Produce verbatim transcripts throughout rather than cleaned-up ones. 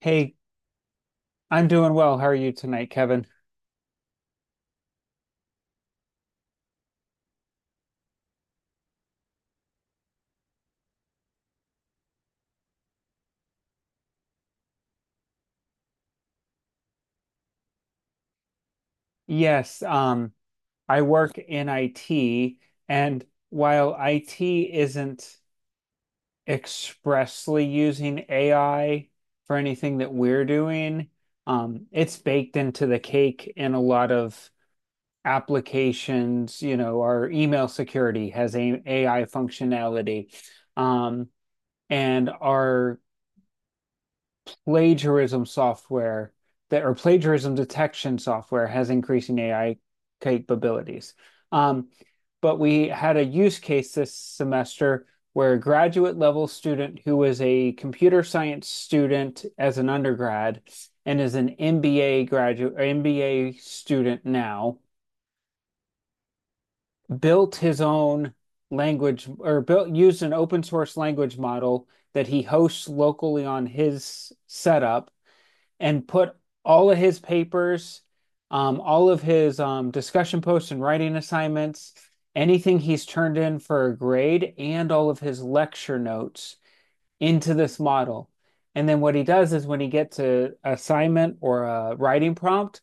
Hey, I'm doing well. How are you tonight, Kevin? Yes, um, I work in I T, and while I T isn't expressly using A I for anything that we're doing. Um, it's baked into the cake in a lot of applications. You know, our email security has a AI functionality, um, and our plagiarism software that or plagiarism detection software has increasing A I capabilities. Um, but we had a use case this semester where a graduate level student who was a computer science student as an undergrad and is an M B A graduate or M B A student now built his own language or built used an open source language model that he hosts locally on his setup and put all of his papers, um, all of his um, discussion posts and writing assignments, anything he's turned in for a grade, and all of his lecture notes into this model. And then what he does is when he gets an assignment or a writing prompt,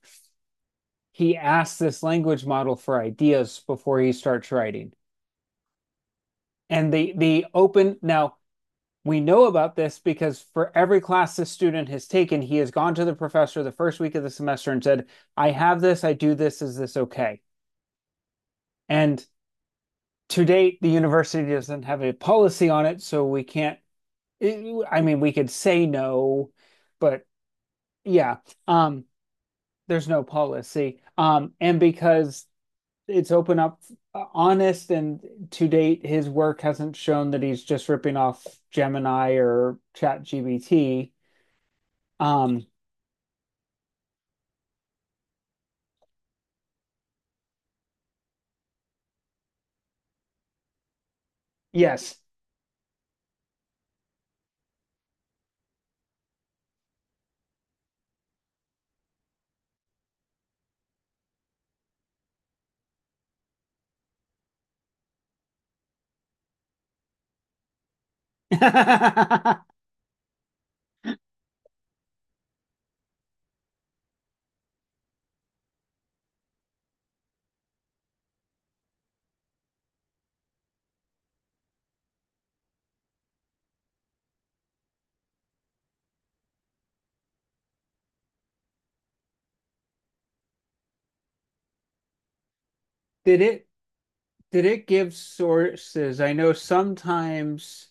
he asks this language model for ideas before he starts writing. And the the open now We know about this because for every class this student has taken, he has gone to the professor the first week of the semester and said, I have this, I do this, is this okay? And to date, the university doesn't have a policy on it, so we can't, eh, I mean, we could say no, but yeah, um, there's no policy. Um, and because it's open up uh, honest and to date his work hasn't shown that he's just ripping off gemini or ChatGPT. um, Yes. Did it did it give sources? I know sometimes,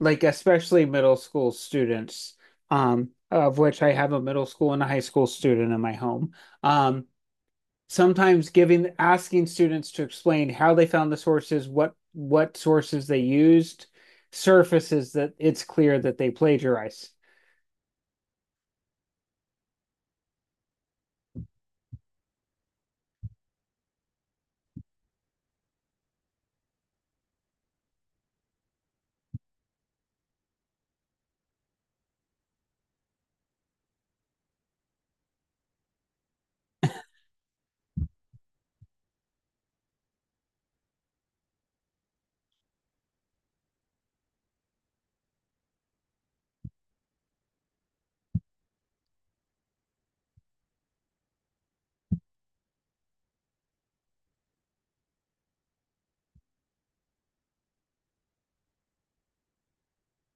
like especially middle school students, um, of which I have a middle school and a high school student in my home. Um, Sometimes giving asking students to explain how they found the sources, what what sources they used, surfaces that it's clear that they plagiarize.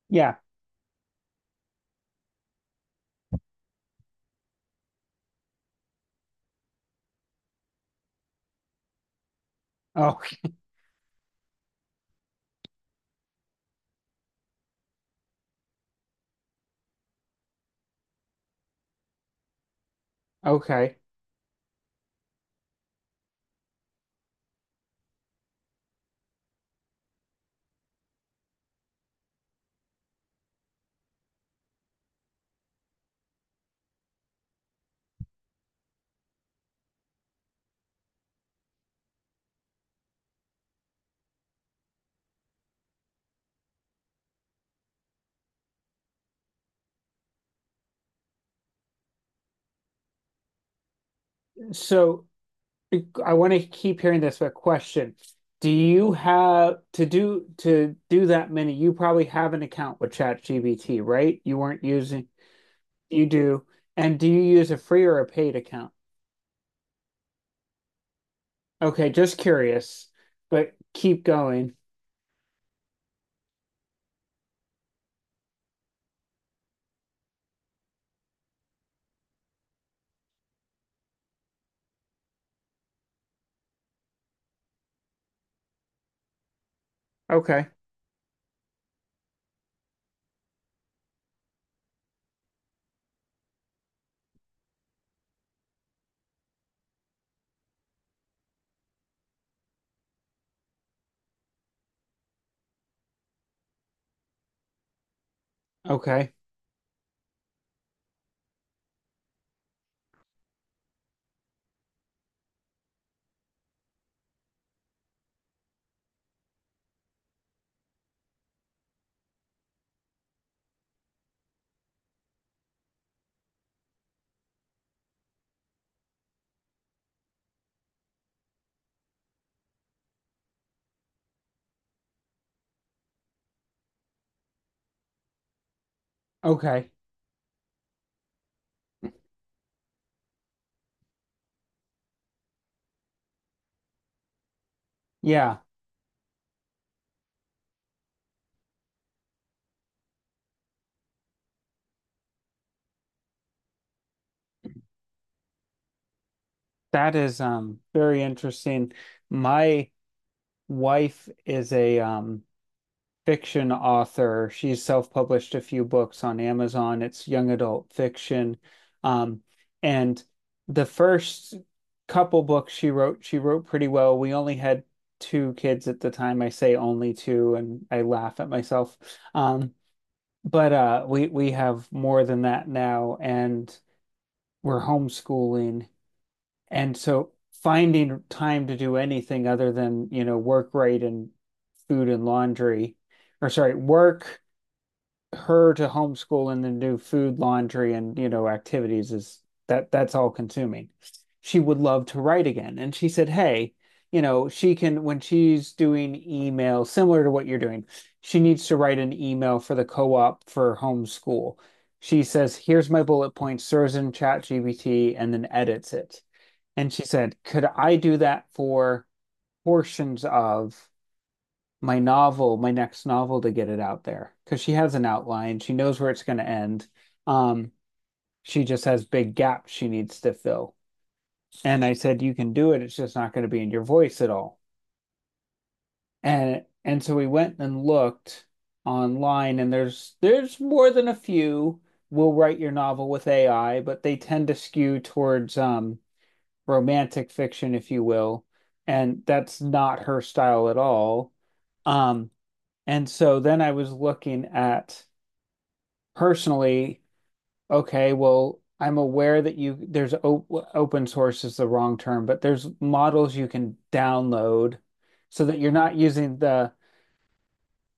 Yeah. Oh, okay. So I want to keep hearing this, but question. Do you have to do to do that many? You probably have an account with ChatGPT, right? You weren't using, you do. And do you use a free or a paid account? Okay, just curious, but keep going. Okay. Okay. Okay. Yeah, that is um very interesting. My wife is a um fiction author. She's self-published a few books on Amazon. It's young adult fiction. Um, and the first couple books she wrote, she wrote pretty well. We only had two kids at the time. I say only two, and I laugh at myself. Um, but uh, we we have more than that now, and we're homeschooling, and so finding time to do anything other than, you know, work, right, and food and laundry, or sorry, work, her to homeschool and then do food, laundry, and you know, activities is that that's all consuming. She would love to write again. And she said, hey, you know, she can when she's doing email similar to what you're doing, she needs to write an email for the co-op for homeschool. She says, here's my bullet points, throws in ChatGPT and then edits it. And she said, could I do that for portions of my novel, my next novel to get it out there because she has an outline. She knows where it's going to end. Um, she just has big gaps she needs to fill. And I said, you can do it. It's just not going to be in your voice at all. And and so we went and looked online, and there's there's more than a few will write your novel with A I, but they tend to skew towards um, romantic fiction, if you will. And that's not her style at all. Um, And so then I was looking at personally, okay, well, I'm aware that you there's op open source is the wrong term, but there's models you can download so that you're not using the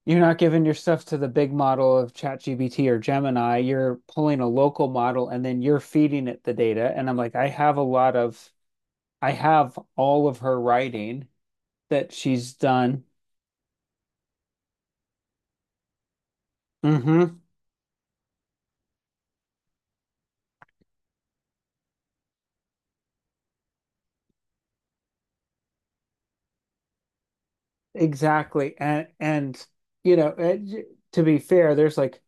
you're not giving your stuff to the big model of ChatGPT or Gemini. You're pulling a local model and then you're feeding it the data. And I'm like, I have a lot of I have all of her writing that she's done. hmm Exactly. And and you know, eh, to be fair, there's like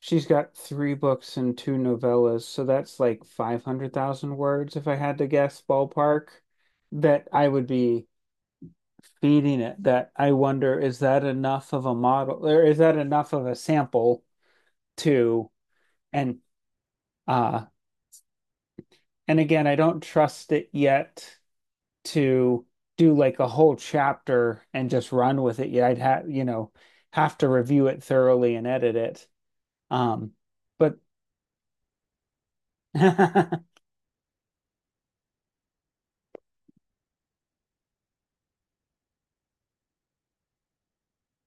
she's got three books and two novellas, so that's like five hundred thousand words if I had to guess ballpark that I would be feeding it. That I wonder is that enough of a model or is that enough of a sample to and uh and again, I don't trust it yet to do like a whole chapter and just run with it yet. I'd have, you know, have to review it thoroughly and edit it. Um, but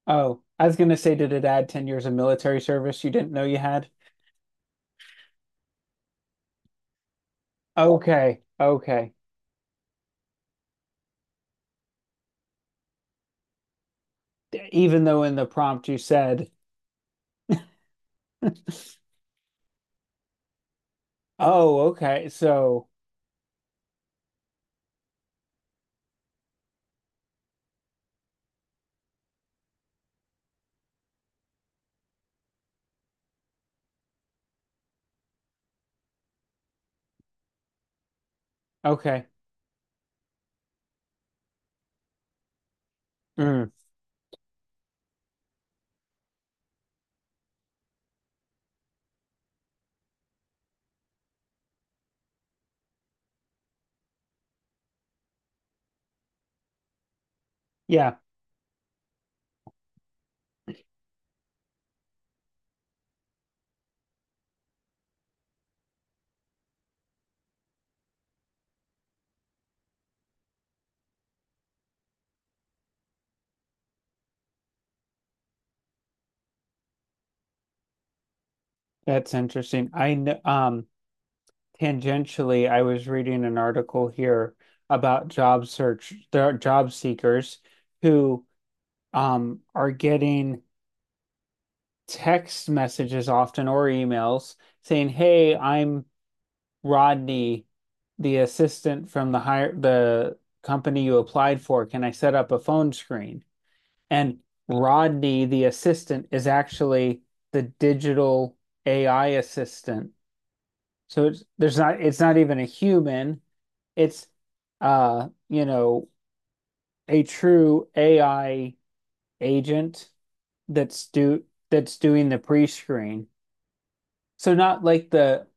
oh, I was gonna say, did it add ten years of military service you didn't know you had? Okay, okay. D- Even though in the prompt you said, oh, okay, so okay. Mm, yeah, that's interesting. I know, um, tangentially, I was reading an article here about job search, there are job seekers who um are getting text messages often or emails saying, "Hey, I'm Rodney, the assistant from the hire the company you applied for, can I set up a phone screen? And Rodney, the assistant, is actually the digital A I assistant. So it's there's not it's not even a human. It's uh, you know, a true A I agent that's do that's doing the pre-screen. So not like the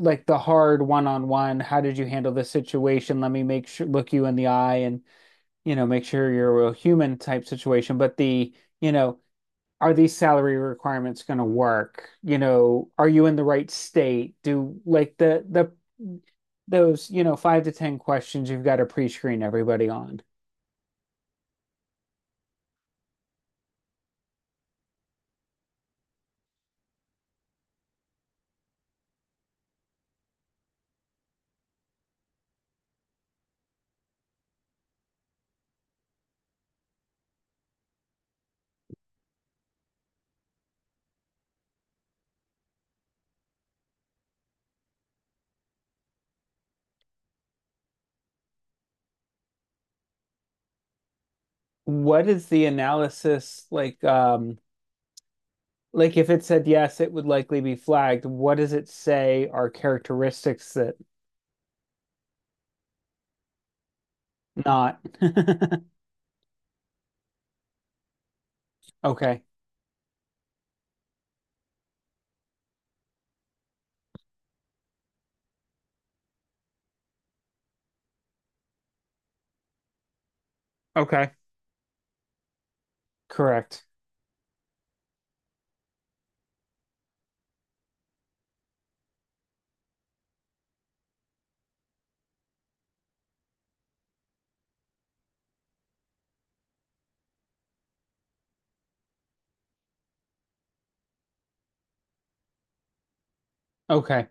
like the hard one-on-one, how did you handle this situation? Let me make sure look you in the eye and, you know, make sure you're a real human type situation, but the, you know, are these salary requirements going to work? You know, are you in the right state? Do like the the those, you know, five to ten questions you've got to pre-screen everybody on. What is the analysis like um like if it said yes, it would likely be flagged. What does it say are characteristics that not? Okay. Okay. Correct. Okay.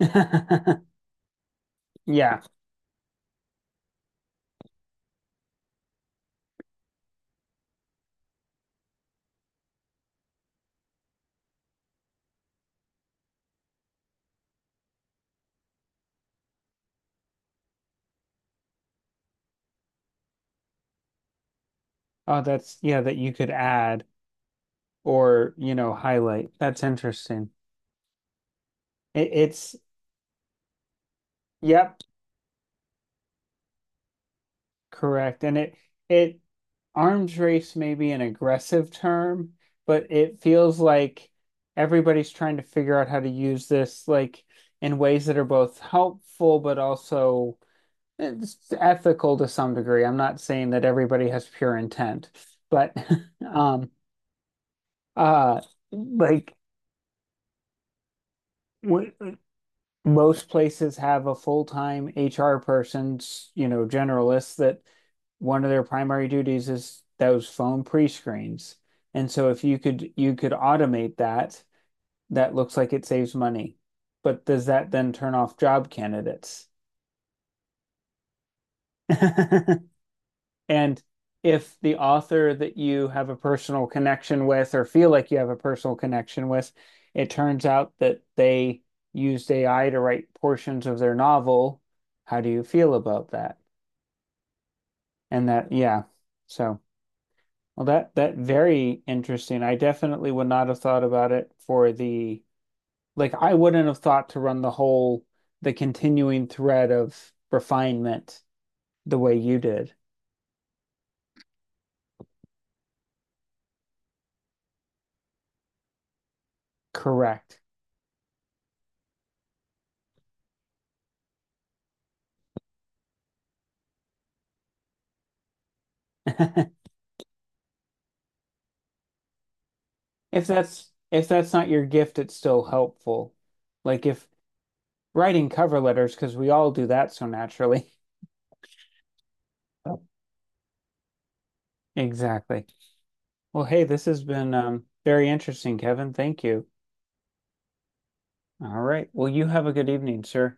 Yeah. Oh, that's yeah, that you could add or, you know, highlight. That's interesting. It, it's yep, correct. And it it arms race may be an aggressive term, but it feels like everybody's trying to figure out how to use this like in ways that are both helpful but also it's ethical to some degree. I'm not saying that everybody has pure intent, but um uh like w most places have a full-time H R person, you know, generalist that one of their primary duties is those phone pre-screens. And so if you could you could automate that, that looks like it saves money. But does that then turn off job candidates? And if the author that you have a personal connection with or feel like you have a personal connection with, it turns out that they used A I to write portions of their novel, how do you feel about that? And that, yeah. So, well, that that very interesting. I definitely would not have thought about it for the like I wouldn't have thought to run the whole the continuing thread of refinement the way you did. Correct. If that's if that's not your gift, it's still helpful. Like if writing cover letters, because we all do that so naturally. Exactly. Well, hey, this has been um, very interesting, Kevin. Thank you. All right. Well, you have a good evening, sir.